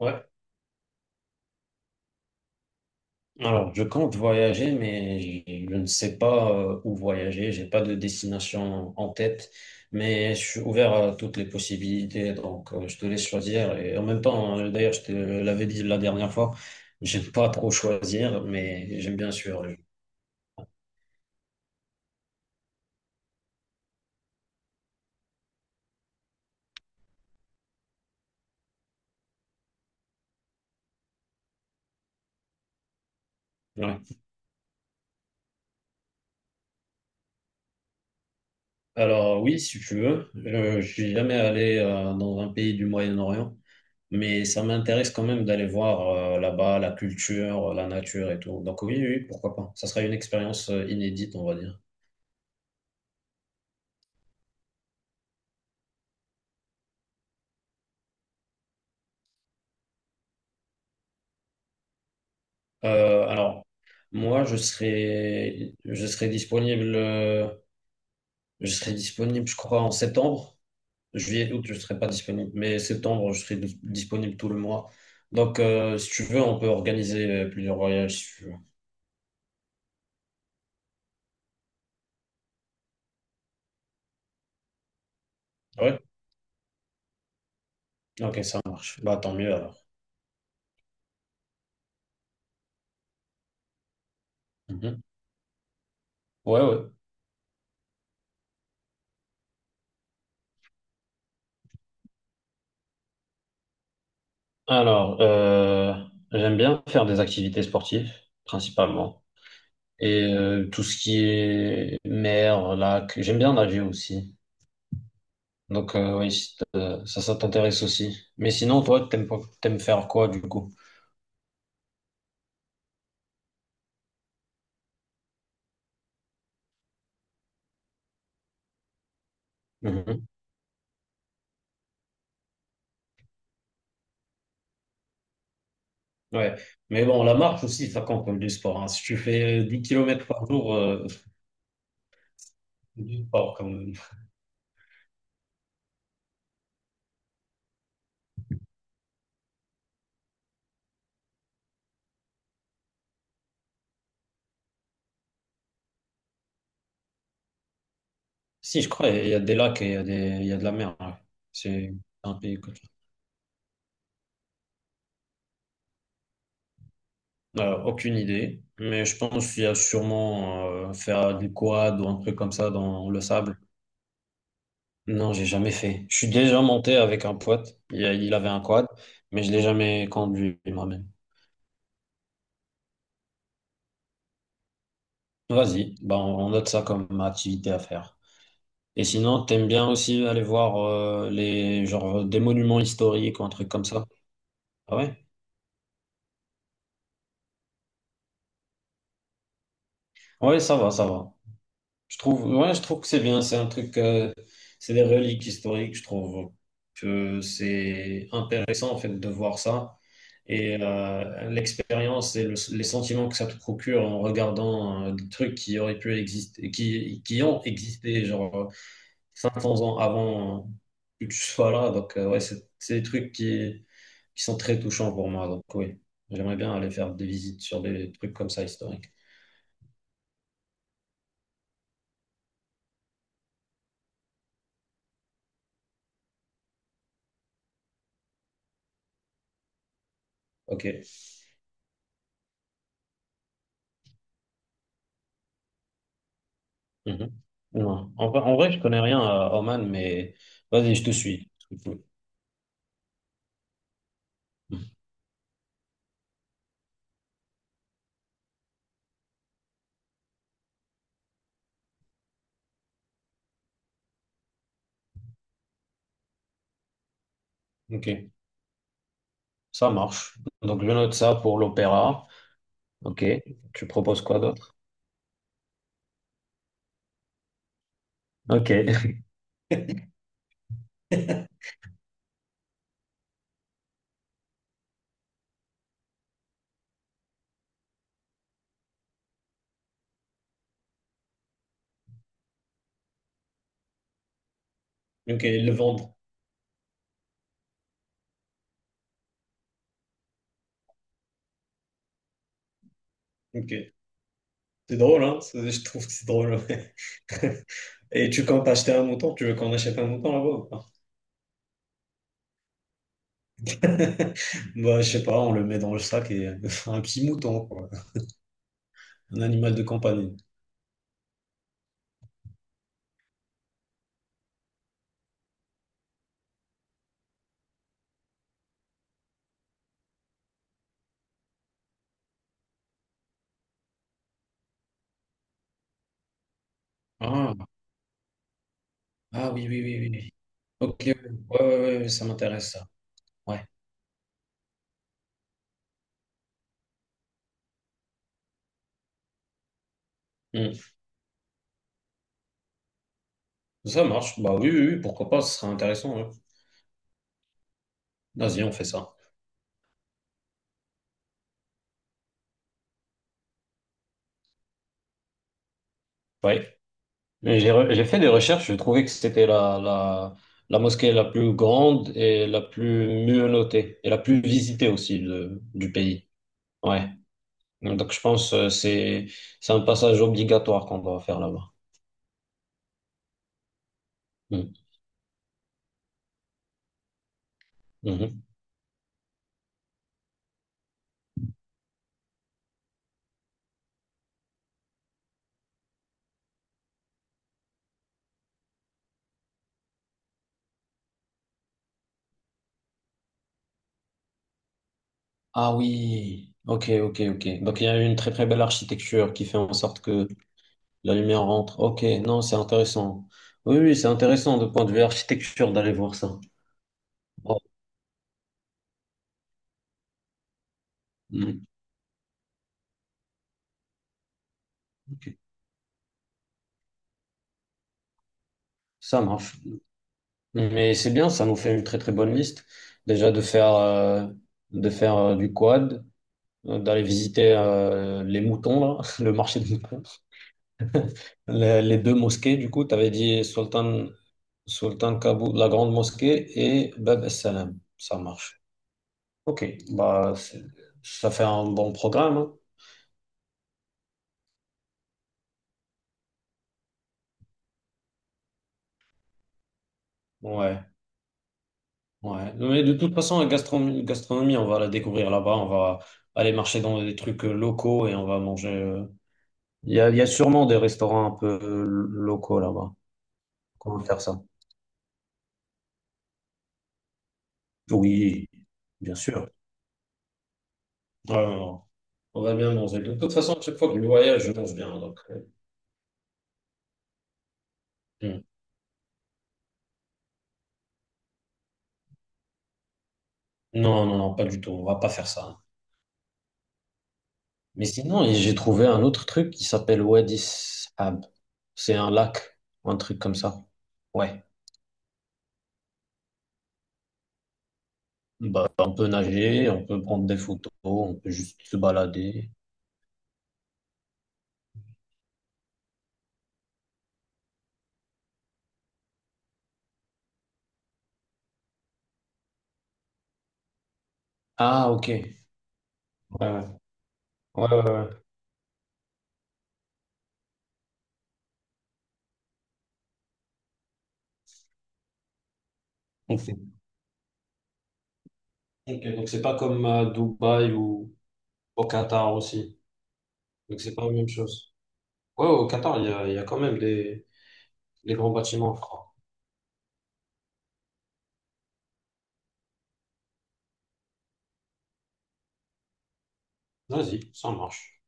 Ouais. Alors, je compte voyager, mais je ne sais pas où voyager. J'ai pas de destination en tête, mais je suis ouvert à toutes les possibilités. Donc, je te laisse choisir. Et en même temps, d'ailleurs, je te l'avais dit la dernière fois, j'aime pas trop choisir, mais j'aime bien sûr. Ouais. Alors oui, si tu veux, je suis jamais allé dans un pays du Moyen-Orient, mais ça m'intéresse quand même d'aller voir là-bas la culture, la nature et tout. Donc oui, oui, pourquoi pas. Ça serait une expérience inédite, on va dire. Alors moi, je serai disponible, je serai disponible, je crois, en septembre. Juillet, août, je serai pas disponible, mais septembre, je serai disponible tout le mois. Donc si tu veux, on peut organiser plusieurs voyages. Si tu veux. Ouais. Ok, ça marche. Bah, tant mieux alors. Mhm. Ouais, ouais. Alors, j'aime bien faire des activités sportives, principalement. Et tout ce qui est mer, lac, j'aime bien nager aussi. Donc, oui, si t- ça, ça t'intéresse aussi. Mais sinon, toi, t'aimes pas- t'aimes faire quoi du coup? Mhm. Ouais. Mais bon, la marche aussi, ça compte comme du sport, hein. Si tu fais 10 kilomètres par jour, c'est du sport quand même. Si, je crois, il y a des lacs et il y a il y a de la mer, ouais. C'est un pays que aucune idée, mais je pense qu'il y a sûrement faire du quad ou un truc comme ça dans le sable. Non, j'ai jamais fait. Je suis déjà monté avec un pote. Il avait un quad, mais je l'ai jamais conduit moi-même. Vas-y, ben on note ça comme activité à faire. Et sinon, t'aimes bien aussi aller voir les genre des monuments historiques ou un truc comme ça. Ah ouais? Ouais, ça va, ça va. Je trouve, ouais, je trouve que c'est bien. C'est un truc, c'est des reliques historiques. Je trouve que c'est intéressant en fait de voir ça et l'expérience et les sentiments que ça te procure en regardant des trucs qui auraient pu exister, qui ont existé genre 500 ans avant que tu sois là. Donc ouais, c'est des trucs qui sont très touchants pour moi. Donc oui, j'aimerais bien aller faire des visites sur des trucs comme ça historiques. Ok. Mhm. Non. En vrai, je connais rien à Oman, mais vas-y, je te suis. Mhm. Ok, ça marche. Donc, je note ça pour l'opéra. Ok, tu proposes quoi d'autre? Ok. Ok, le vendre. Ok. C'est drôle, hein? C'est- Je trouve que c'est drôle, ouais. Et tu comptes acheter un mouton? Tu veux qu'on achète un mouton là-bas ou pas? Bah, je sais pas, on le met dans le sac et un petit mouton, quoi. Un animal de compagnie. Ah, ah oui, oui, oui, oui, oui. Ok, ouais, ouais, ouais, ouais, ça m'intéresse ça. Ouais. Hmm. Ça marche. Bah oui, oui, oui, pourquoi pas, ce sera intéressant, ouais. Vas-y, on fait ça. Ouais. J'ai fait des recherches, je trouvais que c'était la mosquée la plus grande et la plus mieux notée et la plus visitée aussi du pays. Ouais. Donc je pense que c'est un passage obligatoire qu'on doit faire là-bas. Mm. Mhm. Ah oui, ok, ok, ok. Donc il y a une très très belle architecture qui fait en sorte que la lumière rentre. Ok, non, c'est intéressant. Oui, oui, c'est intéressant de point de vue architecture d'aller voir ça. Bon. Mm. Ok. Ça marche. Mais c'est bien, ça nous fait une très très bonne liste. Déjà de faire du quad, d'aller visiter les moutons, là, le marché des moutons. Les deux mosquées, du coup, tu avais dit Sultan, Sultan Kaboul, la grande mosquée, et Bab es Salam. Ça marche. Ok, bah, c'est- ça fait un bon programme, hein. Ouais, ouais. Mais de toute façon, gastronomie, on va la découvrir là-bas. On va aller marcher dans des trucs locaux et on va manger, il y a sûrement des restaurants un peu locaux là-bas. Comment faire ça? Oui, bien sûr. Non, non, non. On va bien manger. De toute façon, à chaque fois que je voyage, je mange bien. Hmm. Non, non, non, pas du tout. On va pas faire ça. Mais sinon, et j'ai trouvé un autre truc qui s'appelle Wadi Sab. C'est un lac, un truc comme ça. Ouais. Bah, on peut nager, on peut prendre des photos, on peut juste se balader. Ah, ok. Ouais, ouais, ouais, ouais, ouais. Ok. Ok, donc c'est pas comme à Dubaï ou au Qatar aussi. Donc c'est pas la même chose. Ouais, au Qatar, il y a quand même des grands bâtiments à faire. Vas-y, ça marche.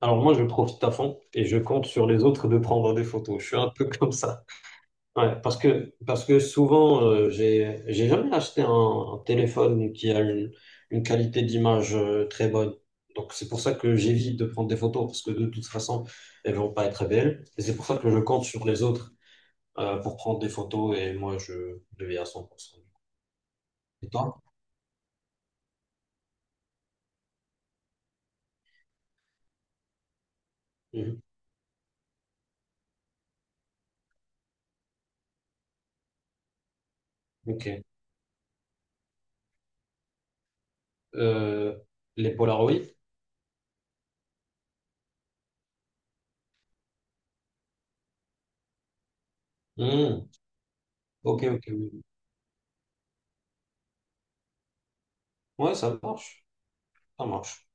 Alors moi, je profite à fond et je compte sur les autres de prendre des photos. Je suis un peu comme ça. Ouais, parce que souvent, j'ai jamais acheté un téléphone qui a une qualité d'image très bonne. Donc c'est pour ça que j'évite de prendre des photos parce que de toute façon, elles vont pas être belles. Et c'est pour ça que je compte sur les autres pour prendre des photos et moi, je le vais à 100%. Et toi? Mhm. Ok. Euh, les Polaroids? Hmm. Ok, ok, oui. Ouais, ça marche. Ça marche.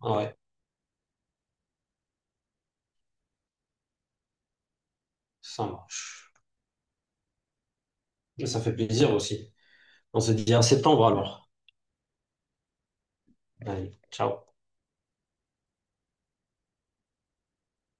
Ah ouais, ça marche. Ça fait plaisir aussi. On se dit à septembre alors. Allez, ciao.